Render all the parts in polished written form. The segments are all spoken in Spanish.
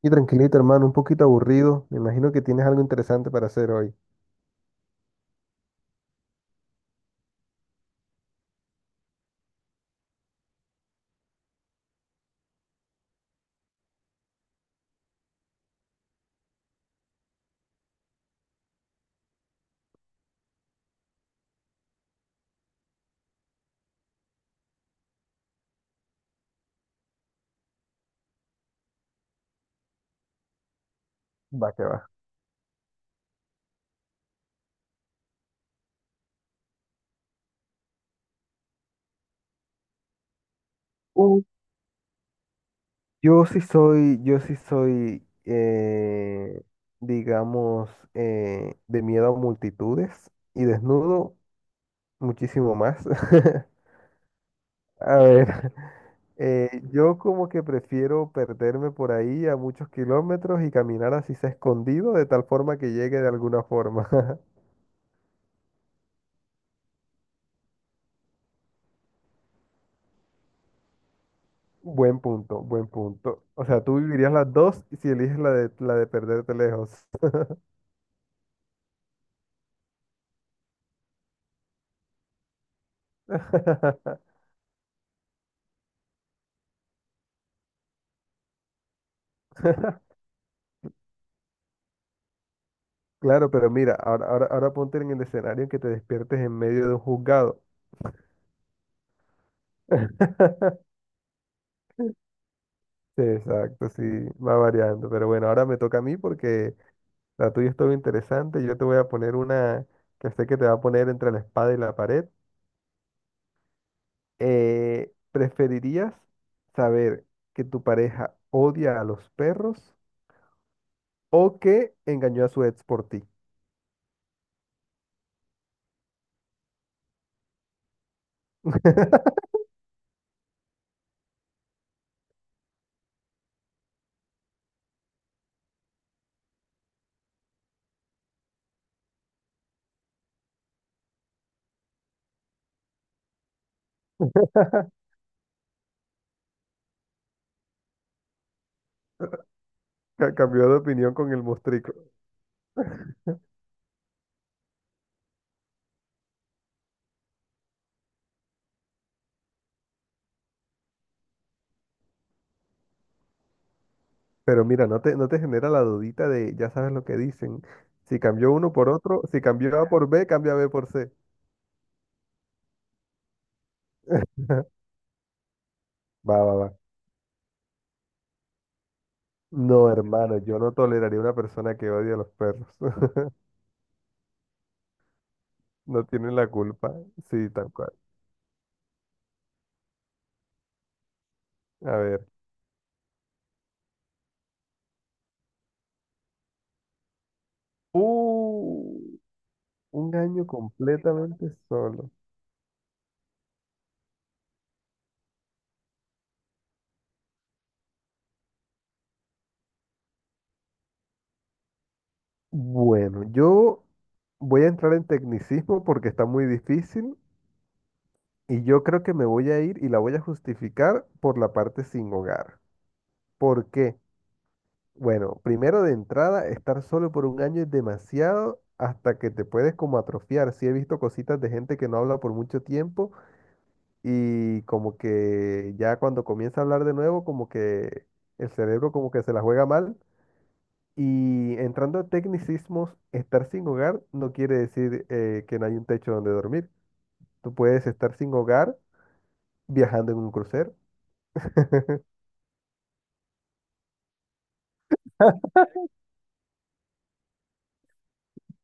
Y tranquilito, hermano, un poquito aburrido. Me imagino que tienes algo interesante para hacer hoy. Va que va. Uh, yo sí soy, digamos, de miedo a multitudes y desnudo muchísimo más. A ver, yo como que prefiero perderme por ahí a muchos kilómetros y caminar así sea escondido de tal forma que llegue de alguna forma. Buen punto, buen punto. O sea, tú vivirías las dos y si eliges la de perderte lejos. Claro, pero mira, ahora ponte en el escenario en que te despiertes en medio de un juzgado. Sí, exacto, sí, va variando. Pero bueno, ahora me toca a mí porque la tuya estuvo interesante. Yo te voy a poner una que sé que te va a poner entre la espada y la pared. ¿Preferirías saber que tu pareja odia a los perros o que engañó a su ex por ti? Cambió de opinión con el mostrico. Pero mira, no te genera la dudita de, ya sabes lo que dicen. Si cambió uno por otro, si cambió A por B, cambia B por C. Va, va, va. No, hermano, yo no toleraría una persona que odia a los perros. No tienen la culpa. Sí, tal cual. A ver. Uh, un año completamente solo. Bueno, yo voy a entrar en tecnicismo porque está muy difícil. Y yo creo que me voy a ir y la voy a justificar por la parte sin hogar. ¿Por qué? Bueno, primero de entrada, estar solo por un año es demasiado hasta que te puedes como atrofiar. Sí he visto cositas de gente que no habla por mucho tiempo y como que ya cuando comienza a hablar de nuevo, como que el cerebro como que se la juega mal. Y entrando a tecnicismos, estar sin hogar no quiere decir que no hay un techo donde dormir. Tú puedes estar sin hogar viajando en un crucero.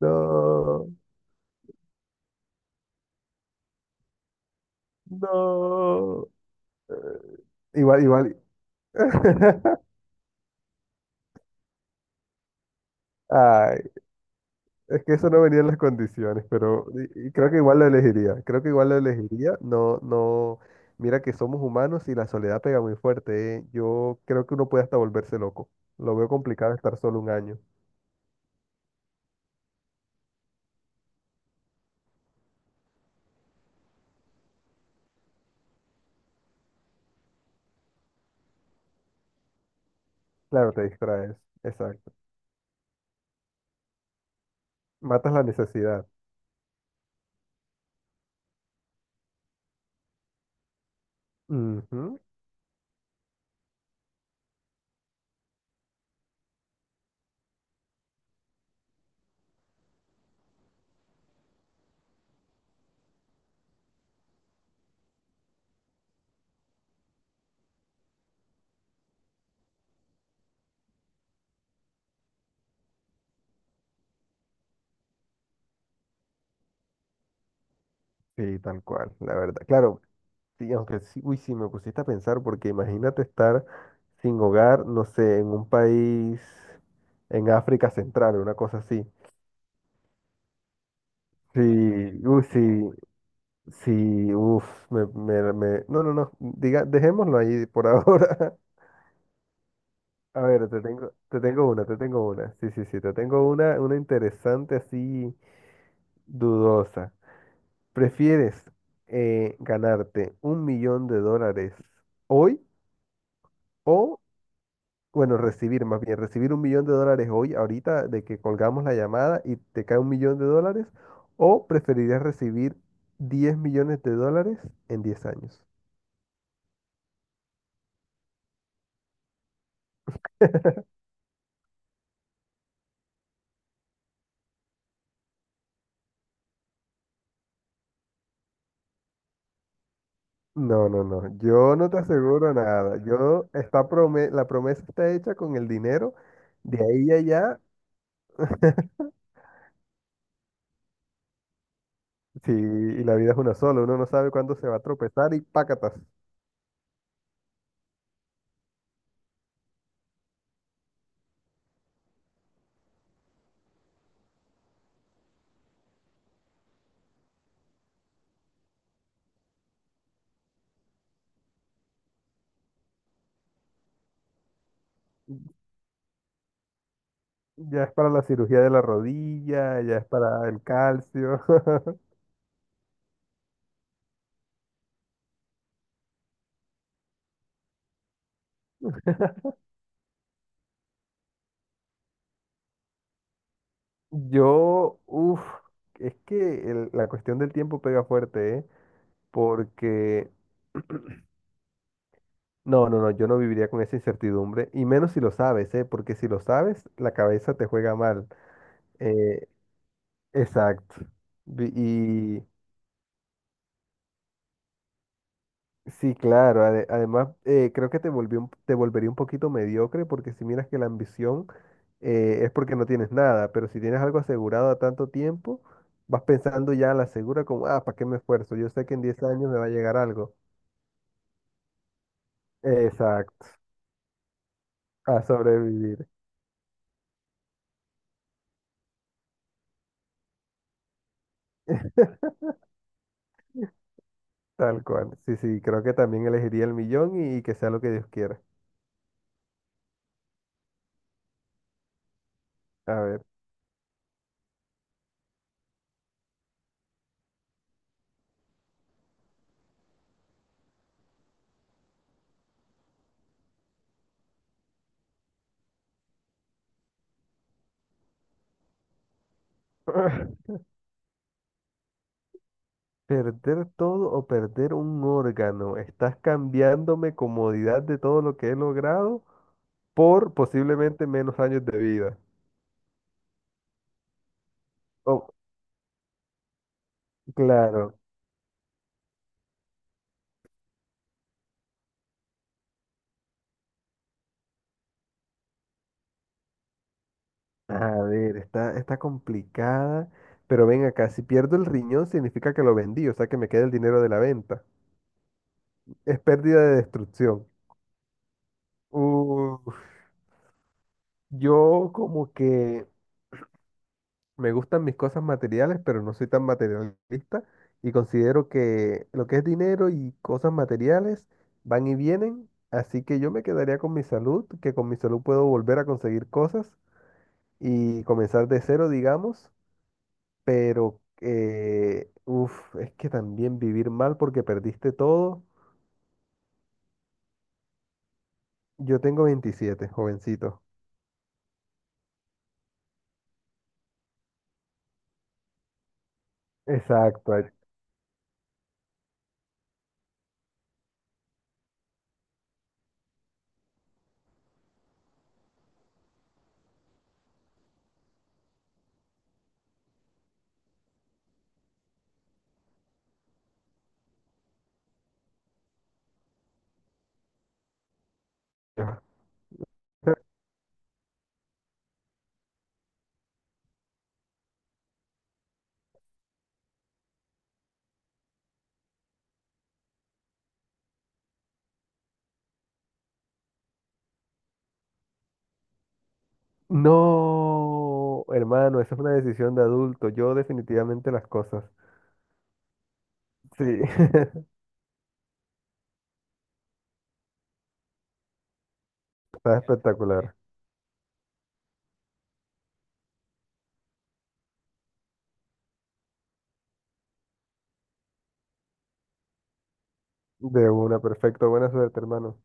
No, no. Igual, igual. Ay, es que eso no venía en las condiciones, pero y creo que igual lo elegiría. Creo que igual lo elegiría. No, no. Mira que somos humanos y la soledad pega muy fuerte, ¿eh? Yo creo que uno puede hasta volverse loco. Lo veo complicado estar solo un año. Claro, te distraes. Exacto. Matas la necesidad. Ujú. Sí, tal cual, la verdad. Claro, sí, aunque sí, uy, sí, me pusiste a pensar, porque imagínate estar sin hogar, no sé, en un país en África Central, una cosa así. Sí, uy, sí, sí, uff, no, no, no, dejémoslo ahí por ahora. A ver, te tengo una. Sí, sí, sí, una interesante así dudosa. ¿Prefieres ganarte $1.000.000 hoy? O bueno, recibir más bien, recibir $1.000.000 hoy, ahorita, de que colgamos la llamada y te cae $1.000.000, o preferirías recibir $10.000.000 en 10 años. No, no, no, yo no te aseguro nada. Yo, la promesa está hecha con el dinero, de ahí a allá. Sí, y la vida es una sola, uno no sabe cuándo se va a tropezar y pácatas. Ya es para la cirugía de la rodilla, ya es para el calcio. Yo, uff, es que la cuestión del tiempo pega fuerte, ¿eh? Porque no, no, no, yo no viviría con esa incertidumbre, y menos si lo sabes, ¿eh? Porque si lo sabes, la cabeza te juega mal. Eh, exacto. Y sí, claro, además creo que te volvería un poquito mediocre, porque si miras que la ambición es porque no tienes nada, pero si tienes algo asegurado a tanto tiempo, vas pensando ya a la segura como, ah, ¿para qué me esfuerzo? Yo sé que en 10 años me va a llegar algo. Exacto, a sobrevivir. Tal cual. Sí, sí, creo que también elegiría el millón y que sea lo que Dios quiera. A ver. Perder todo o perder un órgano. Estás cambiándome comodidad de todo lo que he logrado por posiblemente menos años de vida. Oh, claro. A ver, está complicada. Pero ven acá, si pierdo el riñón significa que lo vendí, o sea que me queda el dinero de la venta. Es pérdida de destrucción. Uh, Yo como que me gustan mis cosas materiales, pero no soy tan materialista y considero que lo que es dinero y cosas materiales van y vienen, así que yo me quedaría con mi salud, que con mi salud puedo volver a conseguir cosas y comenzar de cero, digamos, pero uf, es que también vivir mal porque perdiste todo. Yo tengo 27, jovencito. Exacto. No, hermano, esa es una decisión de adulto. Yo definitivamente las cosas. Sí, está espectacular. De una, perfecto. Buena suerte, hermano.